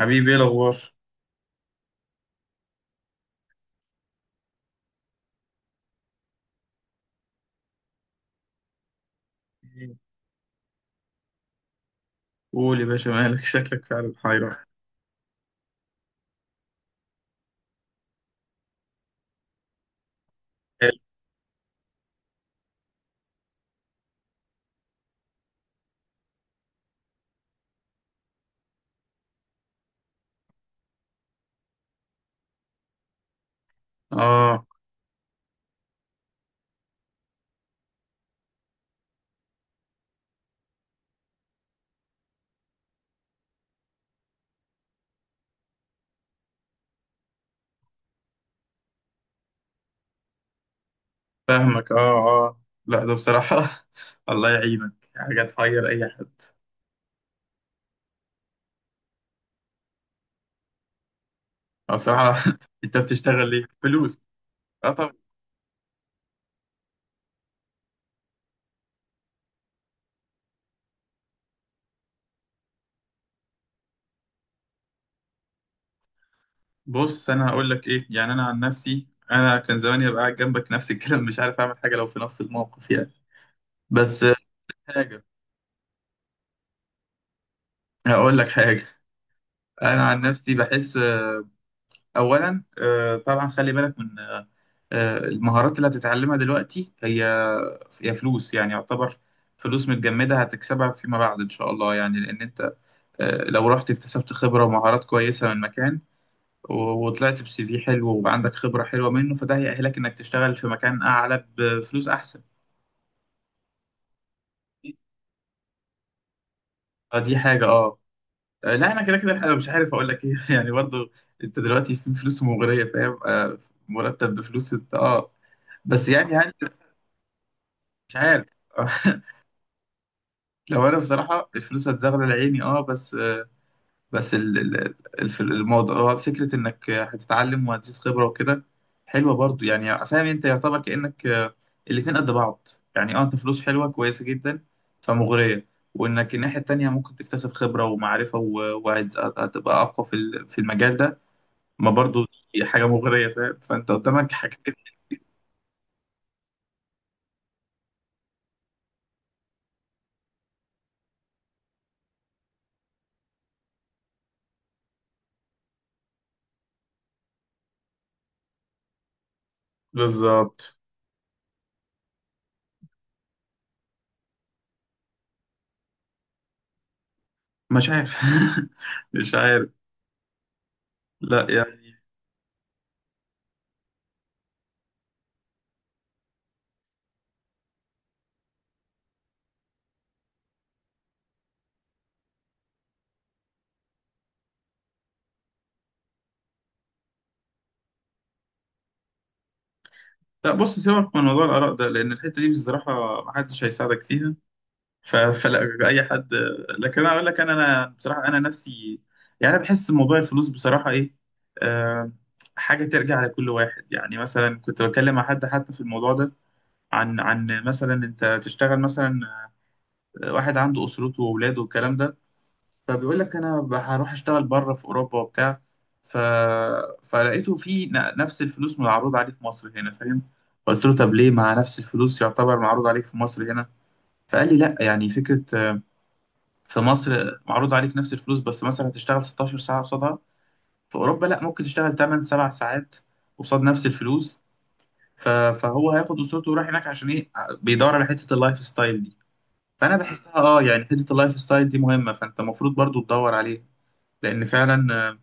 حبيبي، ايه الاخبار؟ قول يا باشا، مالك؟ شكلك فعلا حيران. اه فاهمك، اه اه. لا ده بصراحة، الله يعينك، حاجة تحير اي حد. اه بصراحة، انت بتشتغل ليه؟ فلوس. اه طب. بص، انا هقول لك ايه، يعني انا عن نفسي انا كان زماني ابقى قاعد جنبك نفس الكلام، مش عارف اعمل حاجة لو في نفس الموقف يعني. بس. حاجة، هقول لك حاجة. انا عن نفسي بحس اولا، طبعا خلي بالك من المهارات اللي هتتعلمها دلوقتي، هي يا فلوس يعني، يعتبر فلوس متجمدة هتكسبها فيما بعد إن شاء الله، يعني لأن أنت لو رحت اكتسبت خبرة ومهارات كويسة من مكان وطلعت بسي في حلو وعندك خبرة حلوة منه، فده هيأهلك إنك تشتغل في مكان أعلى بفلوس أحسن. فدي حاجة أه. لا، أنا كده كده الحقيقة مش عارف أقول لك إيه يعني برضو. أنت دلوقتي في فلوس مغرية، فاهم؟ مرتب بفلوس أنت أه، بس يعني هل؟ مش عارف. لو أنا بصراحة الفلوس هتزغلل عيني أه، بس في الموضوع فكرة إنك هتتعلم وهتزيد خبرة وكده، حلوة برضو يعني. فاهم أنت، يعتبر كأنك الاتنين قد بعض. يعني أه، أنت فلوس حلوة كويسة جدا، فمغرية. وإنك الناحية التانية ممكن تكتسب خبرة ومعرفة وهتبقى أقوى في في المجال ده ما برضو، دي حاجة مغرية، فاهم؟ فأنت قدامك حاجتين. بالظبط. مش عارف، مش عارف. لا يعني. لا بص، سيبك من موضوع الآراء ده لأن الحتة دي بصراحة محدش هيساعدك فيها. فلا اي حد. لكن انا اقول لك، انا بصراحه انا نفسي، يعني انا بحس موضوع الفلوس بصراحه ايه، آه حاجه ترجع لكل واحد. يعني مثلا كنت بتكلم مع حد حتى في الموضوع ده، عن مثلا انت تشتغل، مثلا واحد عنده اسرته واولاده والكلام ده، فبيقول لك انا هروح اشتغل بره في اوروبا وبتاع. ف فلقيته في نفس الفلوس معروض عليه في مصر هنا، فاهم؟ قلت له طب ليه مع نفس الفلوس يعتبر معروض عليك في مصر هنا؟ فقال لي لا، يعني فكرة، في مصر معروض عليك نفس الفلوس بس مثلا هتشتغل 16 ساعة قصادها، في أوروبا لا، ممكن تشتغل 8 7 ساعات قصاد نفس الفلوس. فهو هياخد أسرته وراح هناك عشان إيه؟ بيدور على حتة اللايف ستايل دي. فأنا بحسها أه، يعني حتة اللايف ستايل دي مهمة، فأنت المفروض برضو تدور عليها لأن فعلا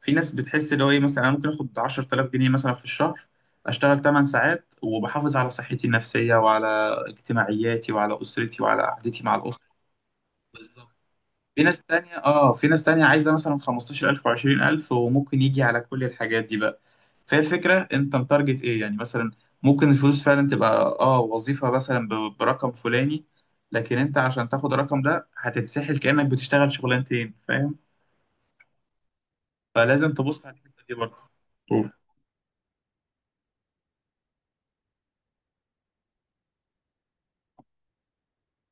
في ناس بتحس اللي هو إيه، مثلا أنا ممكن آخد 10,000 جنيه مثلا في الشهر، أشتغل 8 ساعات وبحافظ على صحتي النفسية وعلى اجتماعياتي وعلى أسرتي وعلى قعدتي مع الأسرة. بالظبط. في ناس تانية اه، في ناس تانية عايزة مثلا 15,000 و20000، وممكن يجي على كل الحاجات دي بقى. فهي الفكرة انت متارجت ايه يعني. مثلا ممكن الفلوس فعلا تبقى اه، وظيفة مثلا برقم فلاني، لكن انت عشان تاخد الرقم ده هتتسحل كأنك بتشتغل شغلانتين، فاهم؟ فلازم تبص على الحتة دي برضه. قول.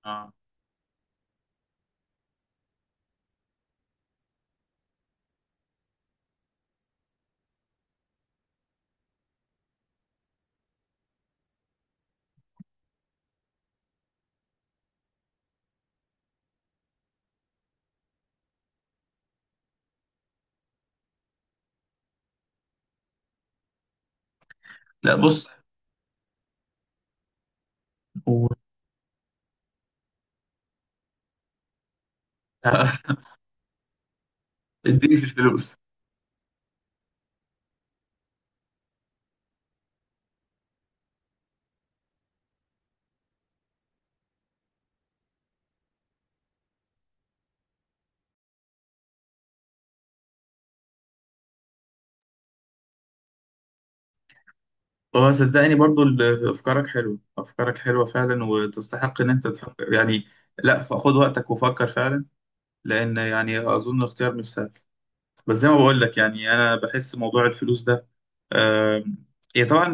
اه. لا بص قول. اديني في الفلوس. هو صدقني، برضو افكارك حلوه، افكارك حلوه فعلا وتستحق ان انت تفكر يعني. لا خد وقتك وفكر فعلا، لان يعني اظن اختيار مش سهل. بس زي ما بقول لك يعني، انا بحس موضوع الفلوس ده، آم، هي طبعا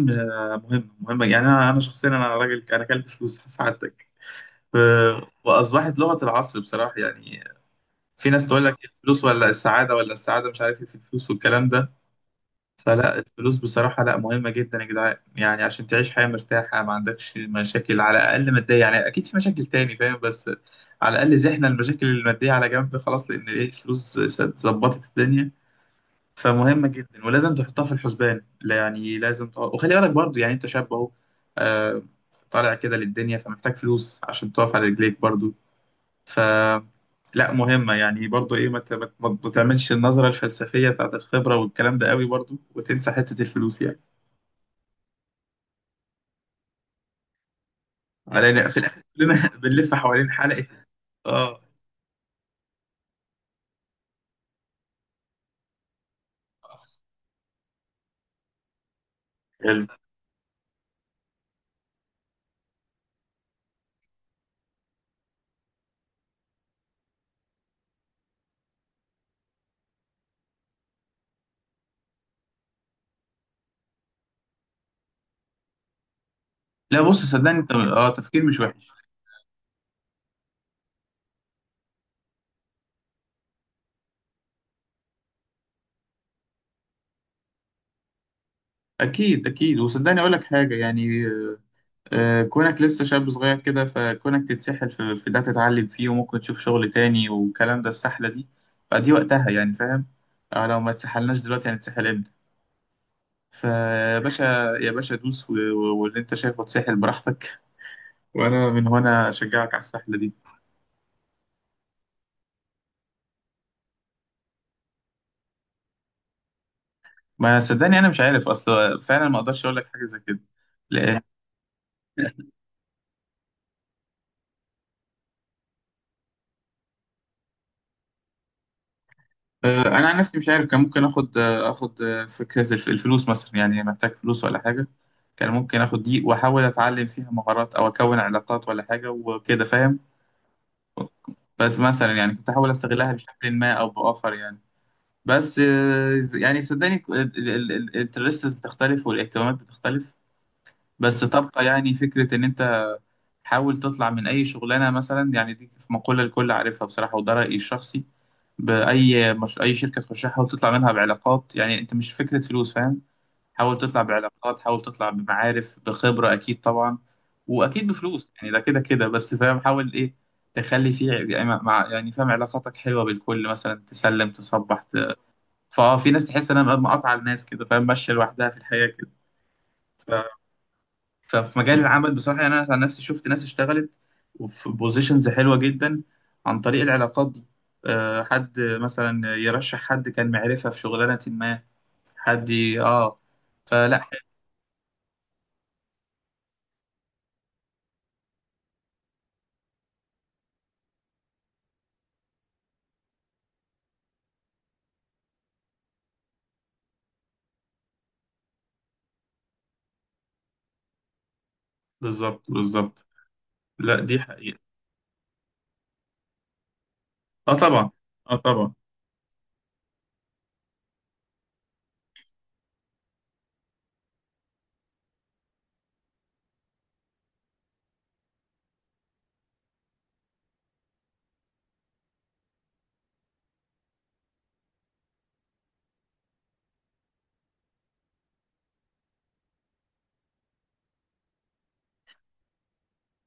مهمه مهمه. يعني انا، انا شخصيا، انا راجل انا كلب فلوس، سعادتك. ف- واصبحت لغه العصر بصراحه يعني. في ناس تقول لك الفلوس ولا السعاده، ولا السعاده مش عارف ايه، في الفلوس والكلام ده. فلا، الفلوس بصراحة لا، مهمة جدا يا جدعان، يعني عشان تعيش حياة مرتاحة ما عندكش مشاكل على الأقل مادية، يعني أكيد في مشاكل تاني، فاهم؟ بس على الأقل زحنا المشاكل المادية على جنب، خلاص، لأن إيه، الفلوس ظبطت الدنيا. فمهمة جدا ولازم تحطها في الحسبان، لا يعني لازم تقعد وخلي بالك برضو يعني. أنت شاب أهو، آه، طالع كده للدنيا، فمحتاج فلوس عشان تقف على رجليك برضو. ف لا، مهمة يعني برضو ايه، ما تعملش النظرة الفلسفية بتاعت الخبرة والكلام ده قوي برضو وتنسى حتة الفلوس يعني، لأن في الآخر كلنا بنلف حوالين حلقة. اه حلو. لا بص صدقني، انت اه تفكير مش وحش. اكيد اكيد، وصدقني اقول لك حاجه يعني، كونك لسه شاب صغير كده، فكونك تتسحل في, ده تتعلم فيه وممكن تشوف شغل تاني والكلام ده، السحله دي فدي وقتها يعني، فاهم؟ لو ما تسحلناش دلوقتي هنتسحل امتى؟ فيا باشا، يا باشا دوس واللي انت شايفه اتسحل براحتك، وانا من هنا اشجعك على السحله دي. ما صدقني، انا مش عارف اصلا فعلا، ما اقدرش اقول لك حاجه زي كده لان. انا عن نفسي مش عارف، كان ممكن اخد فكره الفلوس مثلا يعني، محتاج فلوس ولا حاجه، كان ممكن اخد دي واحاول اتعلم فيها مهارات او اكون علاقات ولا حاجه وكده، فاهم؟ بس مثلا يعني كنت احاول استغلها بشكل ما او باخر يعني. بس يعني صدقني الانترستس بتختلف والاهتمامات بتختلف. بس تبقى يعني فكرة إن أنت حاول تطلع من أي شغلانة مثلا يعني، دي في مقولة الكل عارفها بصراحة وده رأيي الشخصي، بأي مش أي شركة تخشها حاول تطلع منها بعلاقات. يعني أنت مش فكرة فلوس، فاهم؟ حاول تطلع بعلاقات، حاول تطلع بمعارف بخبرة، أكيد طبعا وأكيد بفلوس يعني، ده كده كده، بس فاهم حاول إيه تخلي فيه يعني، مع يعني فاهم علاقاتك حلوة بالكل، مثلا تسلم تصبح ت... فأه، في ناس تحس إنها مقاطعة الناس كده، فاهم؟ ماشية لوحدها في الحياة كده. ففي مجال العمل بصراحة يعني أنا عن نفسي شفت ناس اشتغلت وفي بوزيشنز حلوة جدا عن طريق العلاقات دي. حد مثلا يرشح حد كان معرفة في شغلانة ما، حد اه. فلا. بالظبط بالظبط. لا دي حقيقة. اه طبعا. اه طبعا.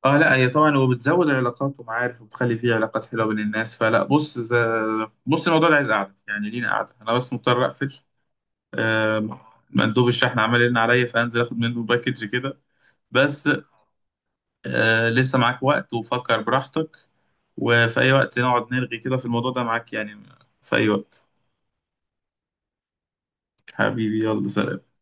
اه لا، هي طبعا وبتزود العلاقات ومعارف وبتخلي فيه علاقات حلوة بين الناس. فلا بص بص الموضوع ده عايز قعدة، يعني لينا قعدة، أنا بس مضطر أقفل. آه، مندوب الشحن عمل لنا عليا فأنزل آخد منه باكج كده بس. آه، لسه معاك وقت وفكر براحتك، وفي أي وقت نقعد نرغي كده في الموضوع ده معاك يعني، في أي وقت. حبيبي يلا سلام.